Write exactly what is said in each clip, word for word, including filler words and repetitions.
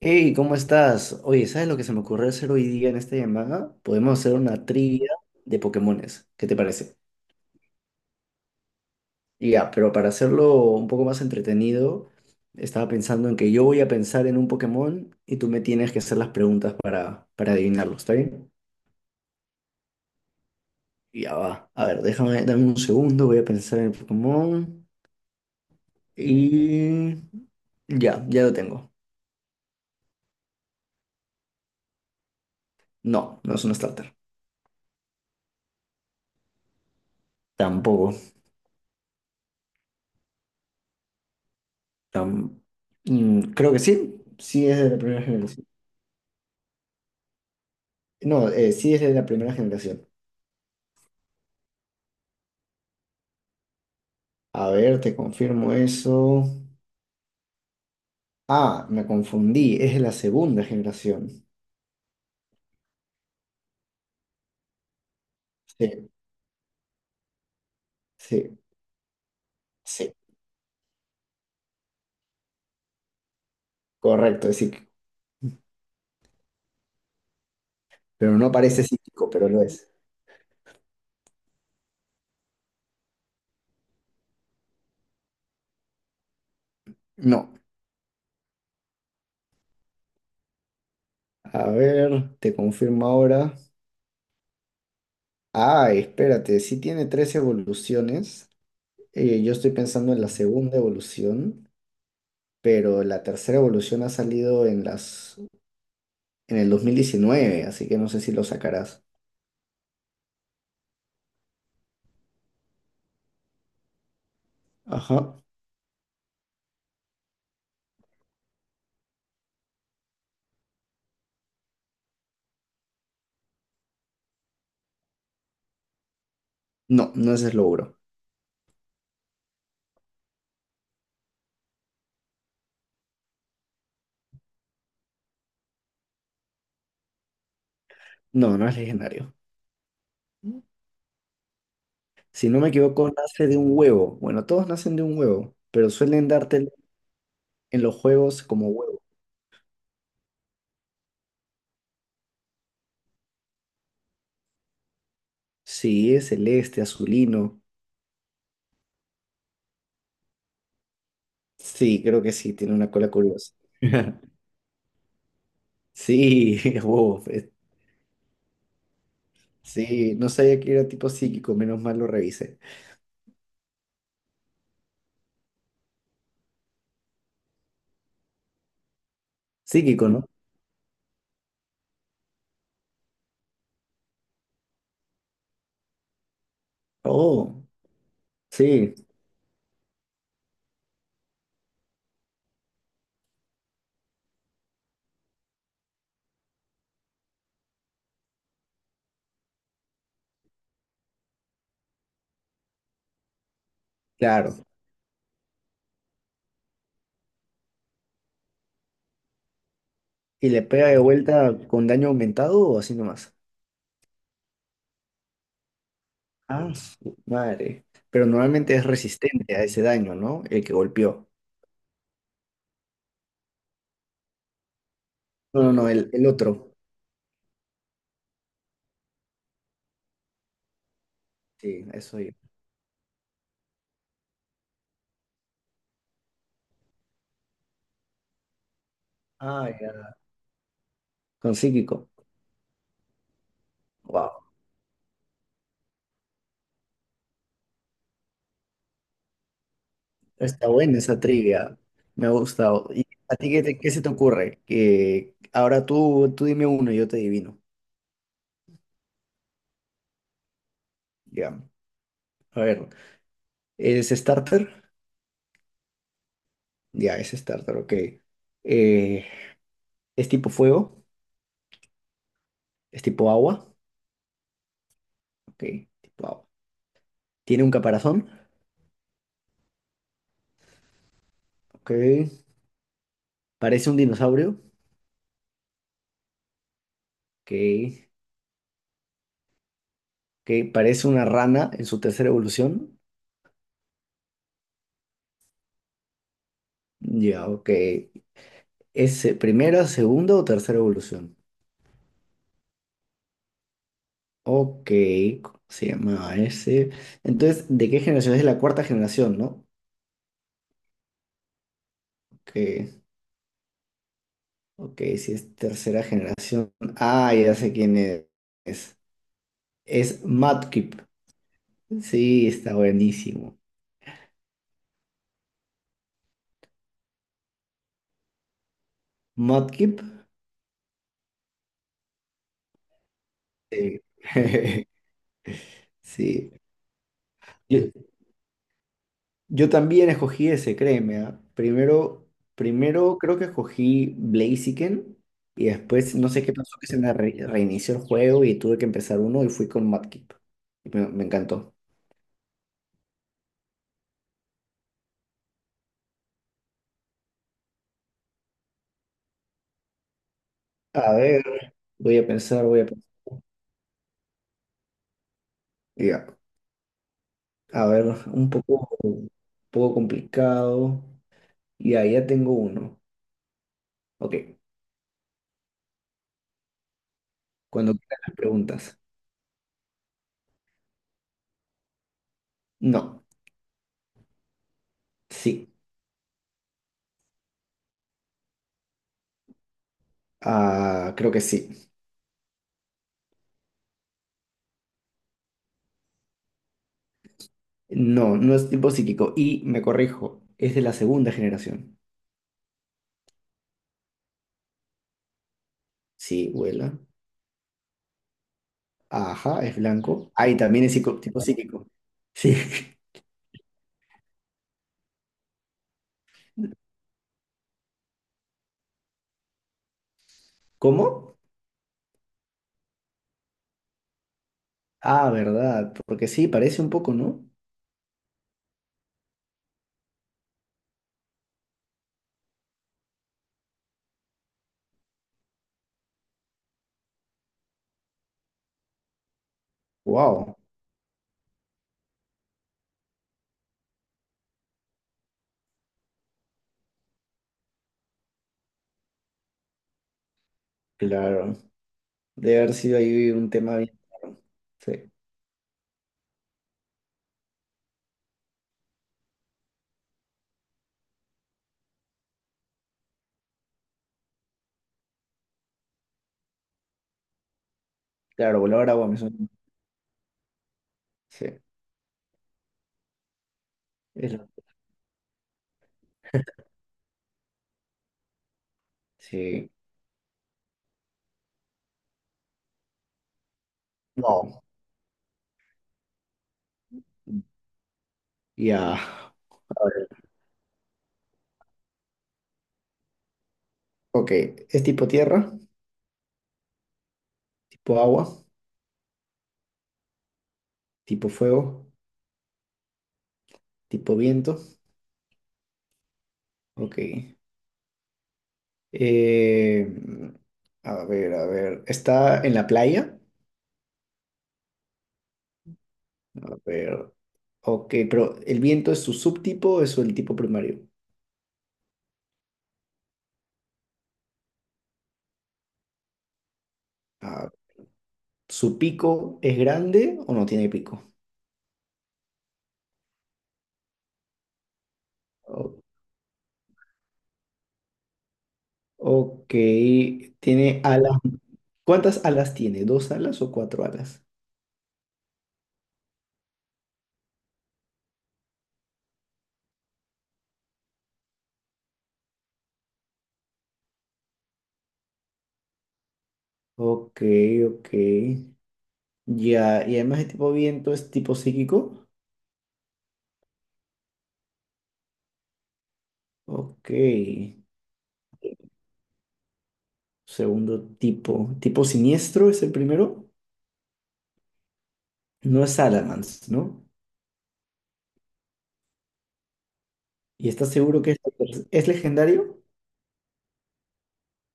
Hey, ¿cómo estás? Oye, ¿sabes lo que se me ocurrió hacer hoy día en esta llamada? Podemos hacer una trivia de Pokémones. ¿Qué te parece? Y ya, pero para hacerlo un poco más entretenido, estaba pensando en que yo voy a pensar en un Pokémon y tú me tienes que hacer las preguntas para, para adivinarlo, ¿está bien? Y ya va. A ver, déjame, dame un segundo, voy a pensar en el Pokémon. Y ya, ya lo tengo. No, no es un starter. Tampoco. Tam- Mm, creo que sí. Sí es de la primera generación. No, eh, sí es de la primera generación. A ver, te confirmo eso. Ah, me confundí, es de la segunda generación. Sí, sí, sí, correcto, es psíquico. Pero no parece psíquico, pero lo es. No. A ver, te confirmo ahora. Ah, espérate, sí tiene tres evoluciones. Eh, yo estoy pensando en la segunda evolución, pero la tercera evolución ha salido en las, en el dos mil diecinueve, así que no sé si lo sacarás. Ajá. No, no es el No, no es legendario. Si no me equivoco, nace de un huevo. Bueno, todos nacen de un huevo, pero suelen darte en los juegos como huevo. Sí, es celeste, azulino. Sí, creo que sí, tiene una cola curiosa. Sí, es huevo. es- Sí, no sabía que era tipo psíquico, menos mal lo revisé. Psíquico, ¿no? Oh, sí, claro. ¿Y le pega de vuelta con daño aumentado o así nomás? Ah, su madre. Pero normalmente es resistente a ese daño, ¿no? El que golpeó. No, no, no, el, el otro. Sí, eso yo. Ah, ya. Con psíquico. Wow. Está buena esa trivia. Me ha gustado. ¿Y a ti qué, te- qué se te ocurre? Que ahora tú, tú dime uno y yo te adivino. Ya. A ver. ¿Es starter? Ya, es starter, ok. Eh, ¿es tipo fuego? ¿Es tipo agua? Ok, tipo agua. ¿Tiene un caparazón? Ok. ¿Parece un dinosaurio? Ok. Ok. ¿Parece una rana en su tercera evolución? Ya, ok. ¿Es eh, primera, segunda o tercera evolución? Ok, ¿cómo se llama ese? Entonces, ¿de qué generación? Es de la cuarta generación, ¿no? Ok, ok, si es tercera generación. Ah, ya sé quién es. Es Mudkip. Sí, está buenísimo. Mudkip. Sí. Yo, yo también escogí ese, créeme, ah. Primero, primero creo que escogí Blaziken y después no sé qué pasó que se me re- reinició el juego y tuve que empezar uno y fui con Mudkip. Y me, me encantó. A ver, voy a pensar, voy a pensar. Ya. A ver, un poco, un poco complicado. Y ahí ya tengo uno. Ok, cuando quieran las preguntas. No, sí. Ah, creo que sí. No, no es tipo psíquico. Y me corrijo, es de la segunda generación. Sí, vuela. Ajá, es blanco. Ay, también es psico- tipo psíquico. Sí. ¿Cómo? Ah, verdad, porque sí, parece un poco, ¿no? Wow, claro. Debe haber sido ahí un tema bien claro. Sí, claro, volador agua me suena. Sí. Es lo- Sí. No. Ya. Ok. ¿Es tipo tierra? ¿Tipo agua? ¿Tipo fuego? ¿Tipo viento? Ok. Eh, a ver, a ver. ¿Está en la playa? A ver. Ok, pero ¿el viento es su subtipo o es el tipo primario? Ah, ¿su pico es grande o no tiene pico? O- ok, tiene alas. ¿Cuántas alas tiene? ¿Dos alas o cuatro alas? Ok, ok. Ya, y además el tipo viento es tipo psíquico. Ok. Segundo tipo. ¿Tipo siniestro es el primero? No es Salamence, ¿no? ¿Y estás seguro que es, es legendario?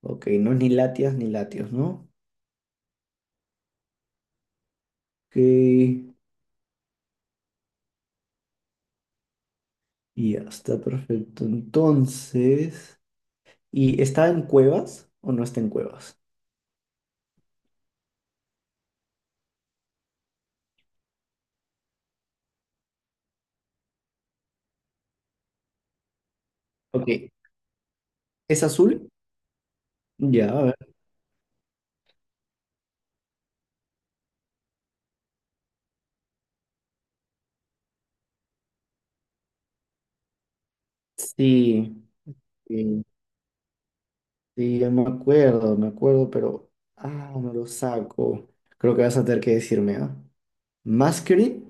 Ok, no es ni Latias ni Latios, ¿no? Ok, y ya está perfecto. Entonces, ¿y está en cuevas o no está en cuevas? Ok, ¿es azul? Ya, a ver. Sí, sí, sí, ya me acuerdo, me acuerdo, pero. Ah, no lo saco. Creo que vas a tener que decirme, ¿ah? Masquerade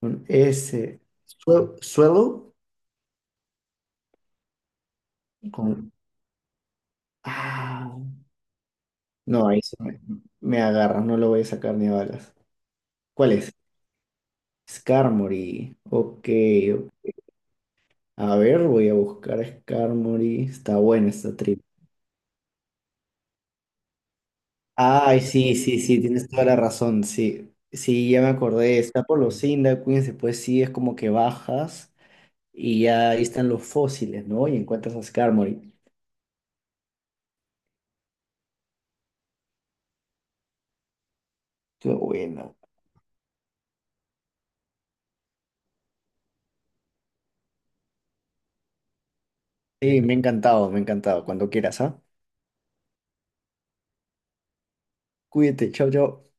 con S. Sue- Suelo con. Ah, no, ahí se me, me agarra, no lo voy a sacar ni a balas. ¿Cuál es? Skarmory. Ok, a ver, voy a buscar a Skarmory. Está buena esta trivia. Ay, sí, sí, sí, tienes toda la razón. Sí, sí, ya me acordé. Está por los Cyndaquins, después sí es como que bajas y ya ahí están los fósiles, ¿no? Y encuentras a Skarmory. Qué bueno. Sí, me ha encantado, me ha encantado. Cuando quieras, ¿ah? Cuídate, chao, chao.